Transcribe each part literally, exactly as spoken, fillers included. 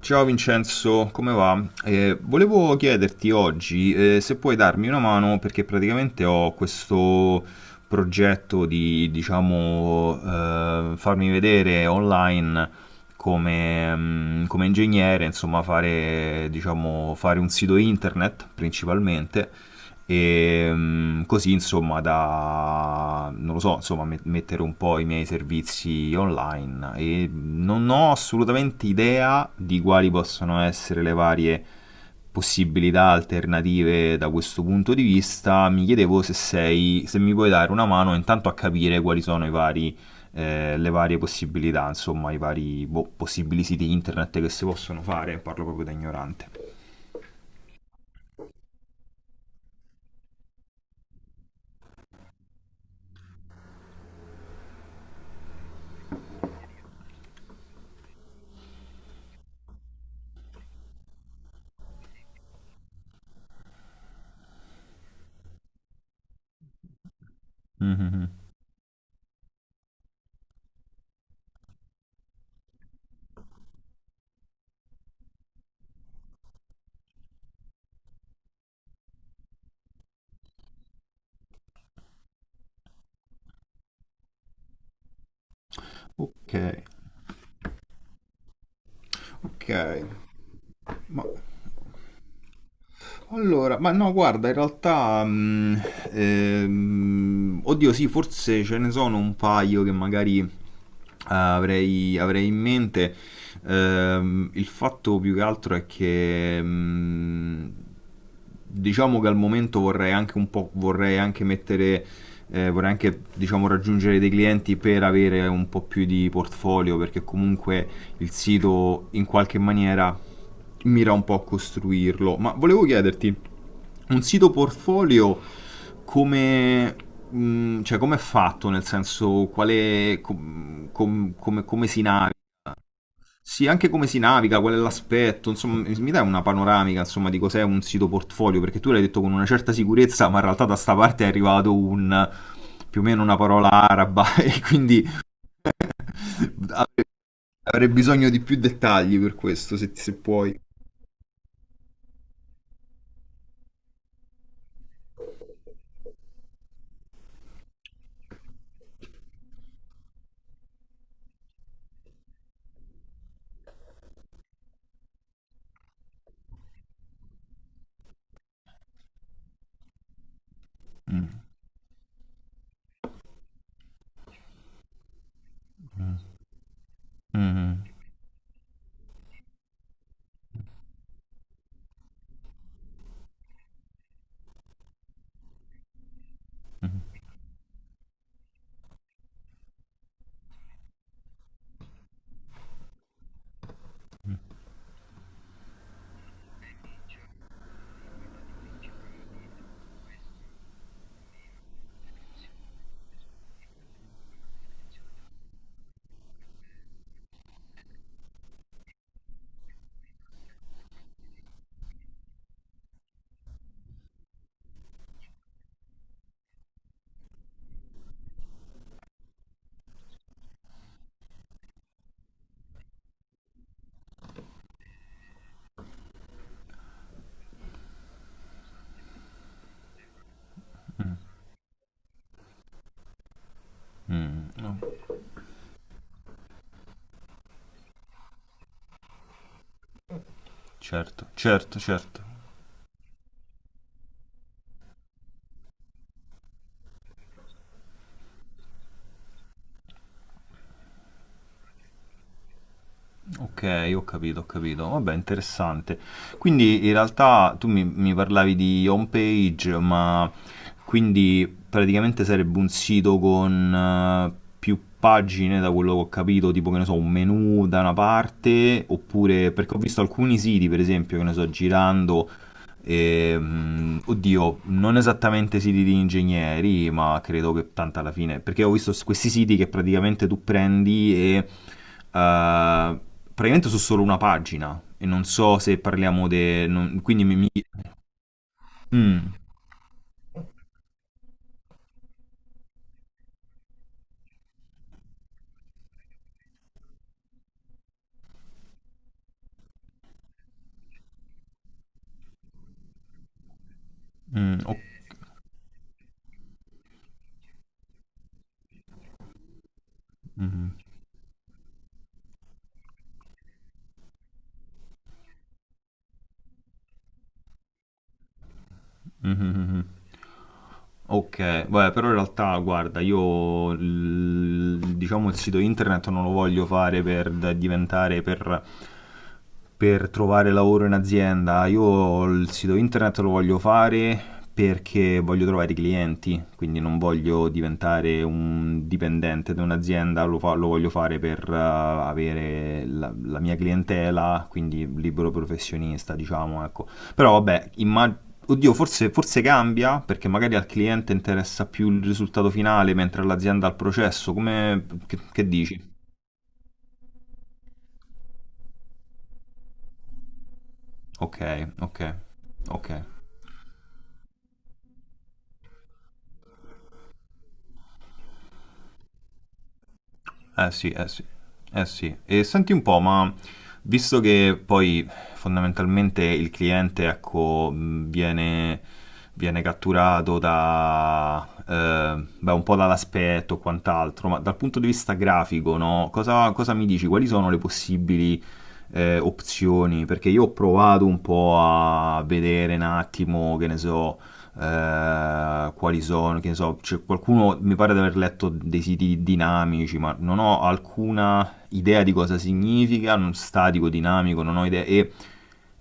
Ciao Vincenzo, come va? Eh, volevo chiederti oggi, eh, se puoi darmi una mano, perché praticamente ho questo progetto di, diciamo, eh, farmi vedere online come, mm, come ingegnere, insomma, fare, diciamo, fare un sito internet principalmente e mm, così, insomma, da, non lo so, insomma, met- mettere un po' i miei servizi online, e non ho assolutamente idea di quali possono essere le varie possibilità alternative da questo punto di vista. Mi chiedevo se sei, se mi puoi dare una mano intanto a capire quali sono i vari, eh, le varie possibilità, insomma, i vari boh, possibili siti internet che si possono fare. Parlo proprio da ignorante. Mhm. Ok. Ok. Ma, allora, ma no, guarda, in realtà, mm, ehm, oddio, sì, forse ce ne sono un paio che magari eh, avrei, avrei in mente. Ehm, il fatto più che altro è che, mm, diciamo che al momento vorrei anche un po', vorrei anche mettere, eh, vorrei anche, diciamo, raggiungere dei clienti per avere un po' più di portfolio, perché comunque il sito in qualche maniera mira un po' a costruirlo. Ma volevo chiederti, un sito portfolio come, mm, cioè, come è fatto? Nel senso, quale, com- com- come, come si naviga? Sì, anche come si naviga, qual è l'aspetto, insomma, mi mi dai una panoramica, insomma, di cos'è un sito portfolio, perché tu l'hai detto con una certa sicurezza, ma in realtà da sta parte è arrivato un, più o meno una parola araba, e quindi avrei bisogno di più dettagli per questo, se, se puoi. Mm, no, certo, certo, certo. Ok, ho capito, ho capito. Vabbè, interessante. Quindi in realtà tu mi, mi parlavi di home page, ma quindi praticamente sarebbe un sito con eh, più pagine, da quello che ho capito, tipo che ne so, un menu da una parte, oppure perché ho visto alcuni siti, per esempio, che ne so, girando. E, mm, oddio, non esattamente siti di ingegneri, ma credo che tanto alla fine, perché ho visto s- questi siti che praticamente tu prendi e eh, praticamente su solo una pagina e non so se parliamo di quindi mi... mi- Mm, mm, ok, mm. Mhm. Ok, beh, però in realtà, guarda, io il- diciamo il sito internet non lo voglio fare per da- diventare per, per trovare lavoro in azienda. Io il sito internet lo voglio fare perché voglio trovare i clienti, quindi non voglio diventare un dipendente da un'azienda, lo, fa- lo voglio fare per eh, avere la, la mia clientela, quindi libero professionista, diciamo, ecco. Però vabbè, immag- oddio, forse, forse cambia perché magari al cliente interessa più il risultato finale mentre all'azienda al processo. Come, che, che dici? Ok, ok, ok. Eh sì, eh sì. Eh sì. E senti un po', ma visto che poi fondamentalmente il cliente, ecco, mh, viene, viene catturato da, eh, beh, un po' dall'aspetto e quant'altro, ma dal punto di vista grafico, no? Cosa, cosa mi dici? Quali sono le possibili eh, opzioni? Perché io ho provato un po' a vedere un attimo, che ne so, eh, quali sono, che ne so, c'è qualcuno mi pare di aver letto dei siti dinamici, ma non ho alcuna idea di cosa significa, non statico, dinamico, non ho idea e,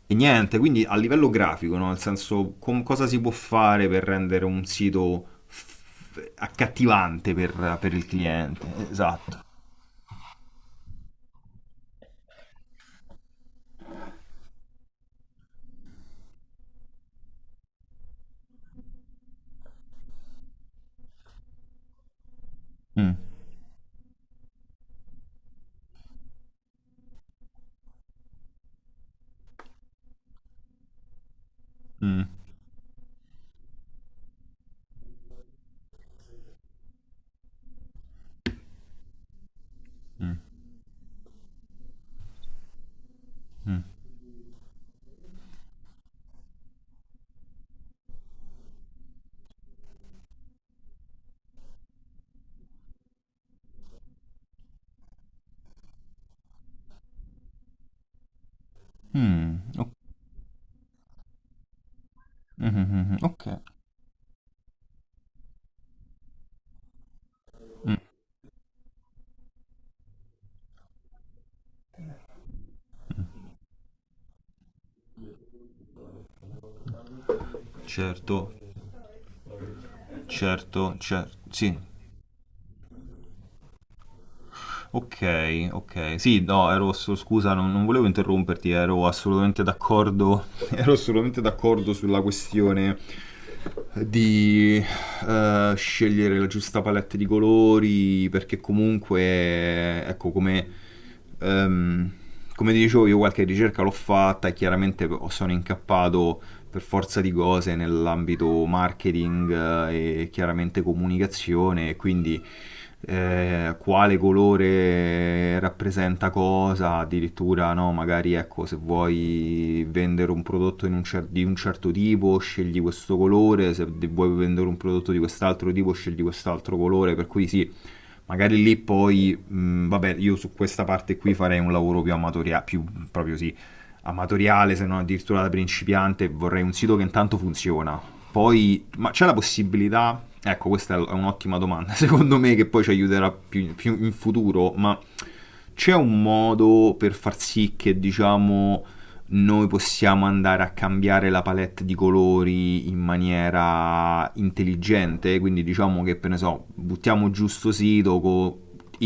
e niente, quindi a livello grafico, no? Nel senso com- cosa si può fare per rendere un sito f- accattivante per, per il cliente, esatto. Mm, mm, mm, mm, mm, ok, mm, mm, mm, mm, ok. Mm, certo, certo, certo, sì. Ok, ok. Sì, no, ero asso- scusa, non, non volevo interromperti, ero assolutamente d'accordo, ero assolutamente d'accordo sulla questione di eh, scegliere la giusta palette di colori, perché comunque, ecco, come, ehm, come ti dicevo, io qualche ricerca l'ho fatta e chiaramente ho- sono incappato per forza di cose nell'ambito marketing, eh, e chiaramente comunicazione, e quindi eh, quale colore rappresenta cosa, addirittura no, magari ecco, se vuoi vendere un prodotto in un cer- di un certo tipo scegli questo colore, se de- vuoi vendere un prodotto di quest'altro tipo scegli quest'altro colore, per cui sì, magari lì poi, mh, vabbè, io su questa parte qui farei un lavoro più amatoriale, più proprio sì, amatoriale, se non addirittura da principiante, vorrei un sito che intanto funziona. Poi, ma c'è la possibilità, ecco questa è un'ottima domanda, secondo me, che poi ci aiuterà più, più in futuro, ma c'è un modo per far sì che diciamo noi possiamo andare a cambiare la palette di colori in maniera intelligente, quindi diciamo che per ne so, buttiamo giusto sito con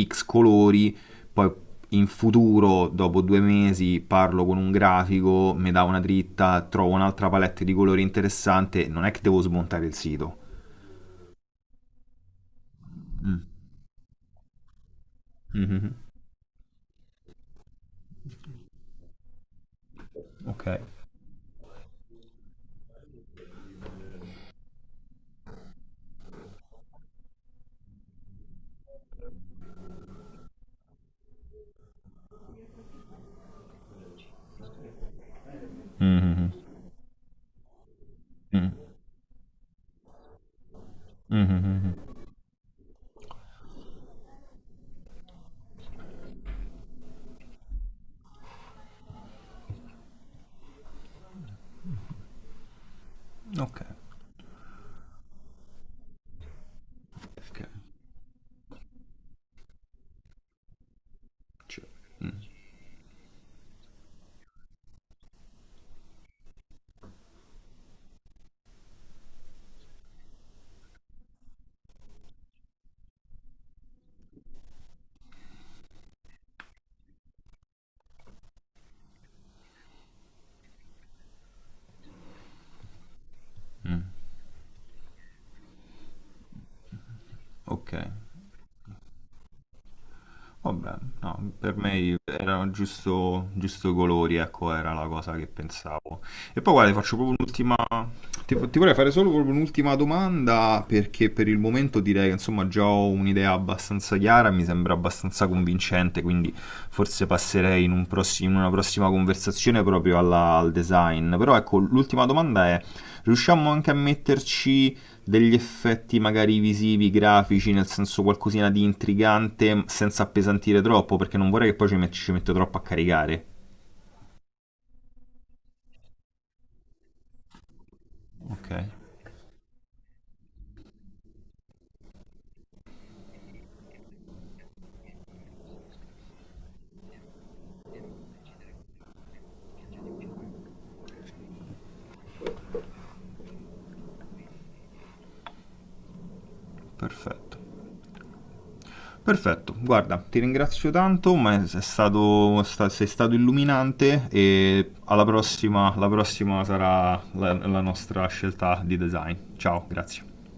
X colori, poi in futuro, dopo due mesi, parlo con un grafico, mi dà una dritta, trovo un'altra palette di colori interessante, non è che devo smontare il sito. Mm. Mhm. Ok. Mhm. Mm. Mhm. Ok. Ok. Cioè, ok. Vabbè, no, per me erano giusto, giusto colori, ecco, era la cosa che pensavo. E poi guarda, ti faccio proprio un'ultima Ti, ti vorrei fare solo proprio un'ultima domanda, perché per il momento direi che insomma già ho un'idea abbastanza chiara, mi sembra abbastanza convincente, quindi forse passerei in, un prossi- in una prossima conversazione proprio alla- al design. Però ecco, l'ultima domanda è, riusciamo anche a metterci degli effetti magari visivi, grafici, nel senso qualcosina di intrigante senza appesantire troppo, perché non vorrei che poi ci, met- ci metto troppo a caricare. Ok. Perfetto. Perfetto, guarda, ti ringrazio tanto, ma sei stato, sta- sei stato illuminante, e alla prossima, la prossima sarà la, la nostra scelta di design. Ciao, grazie.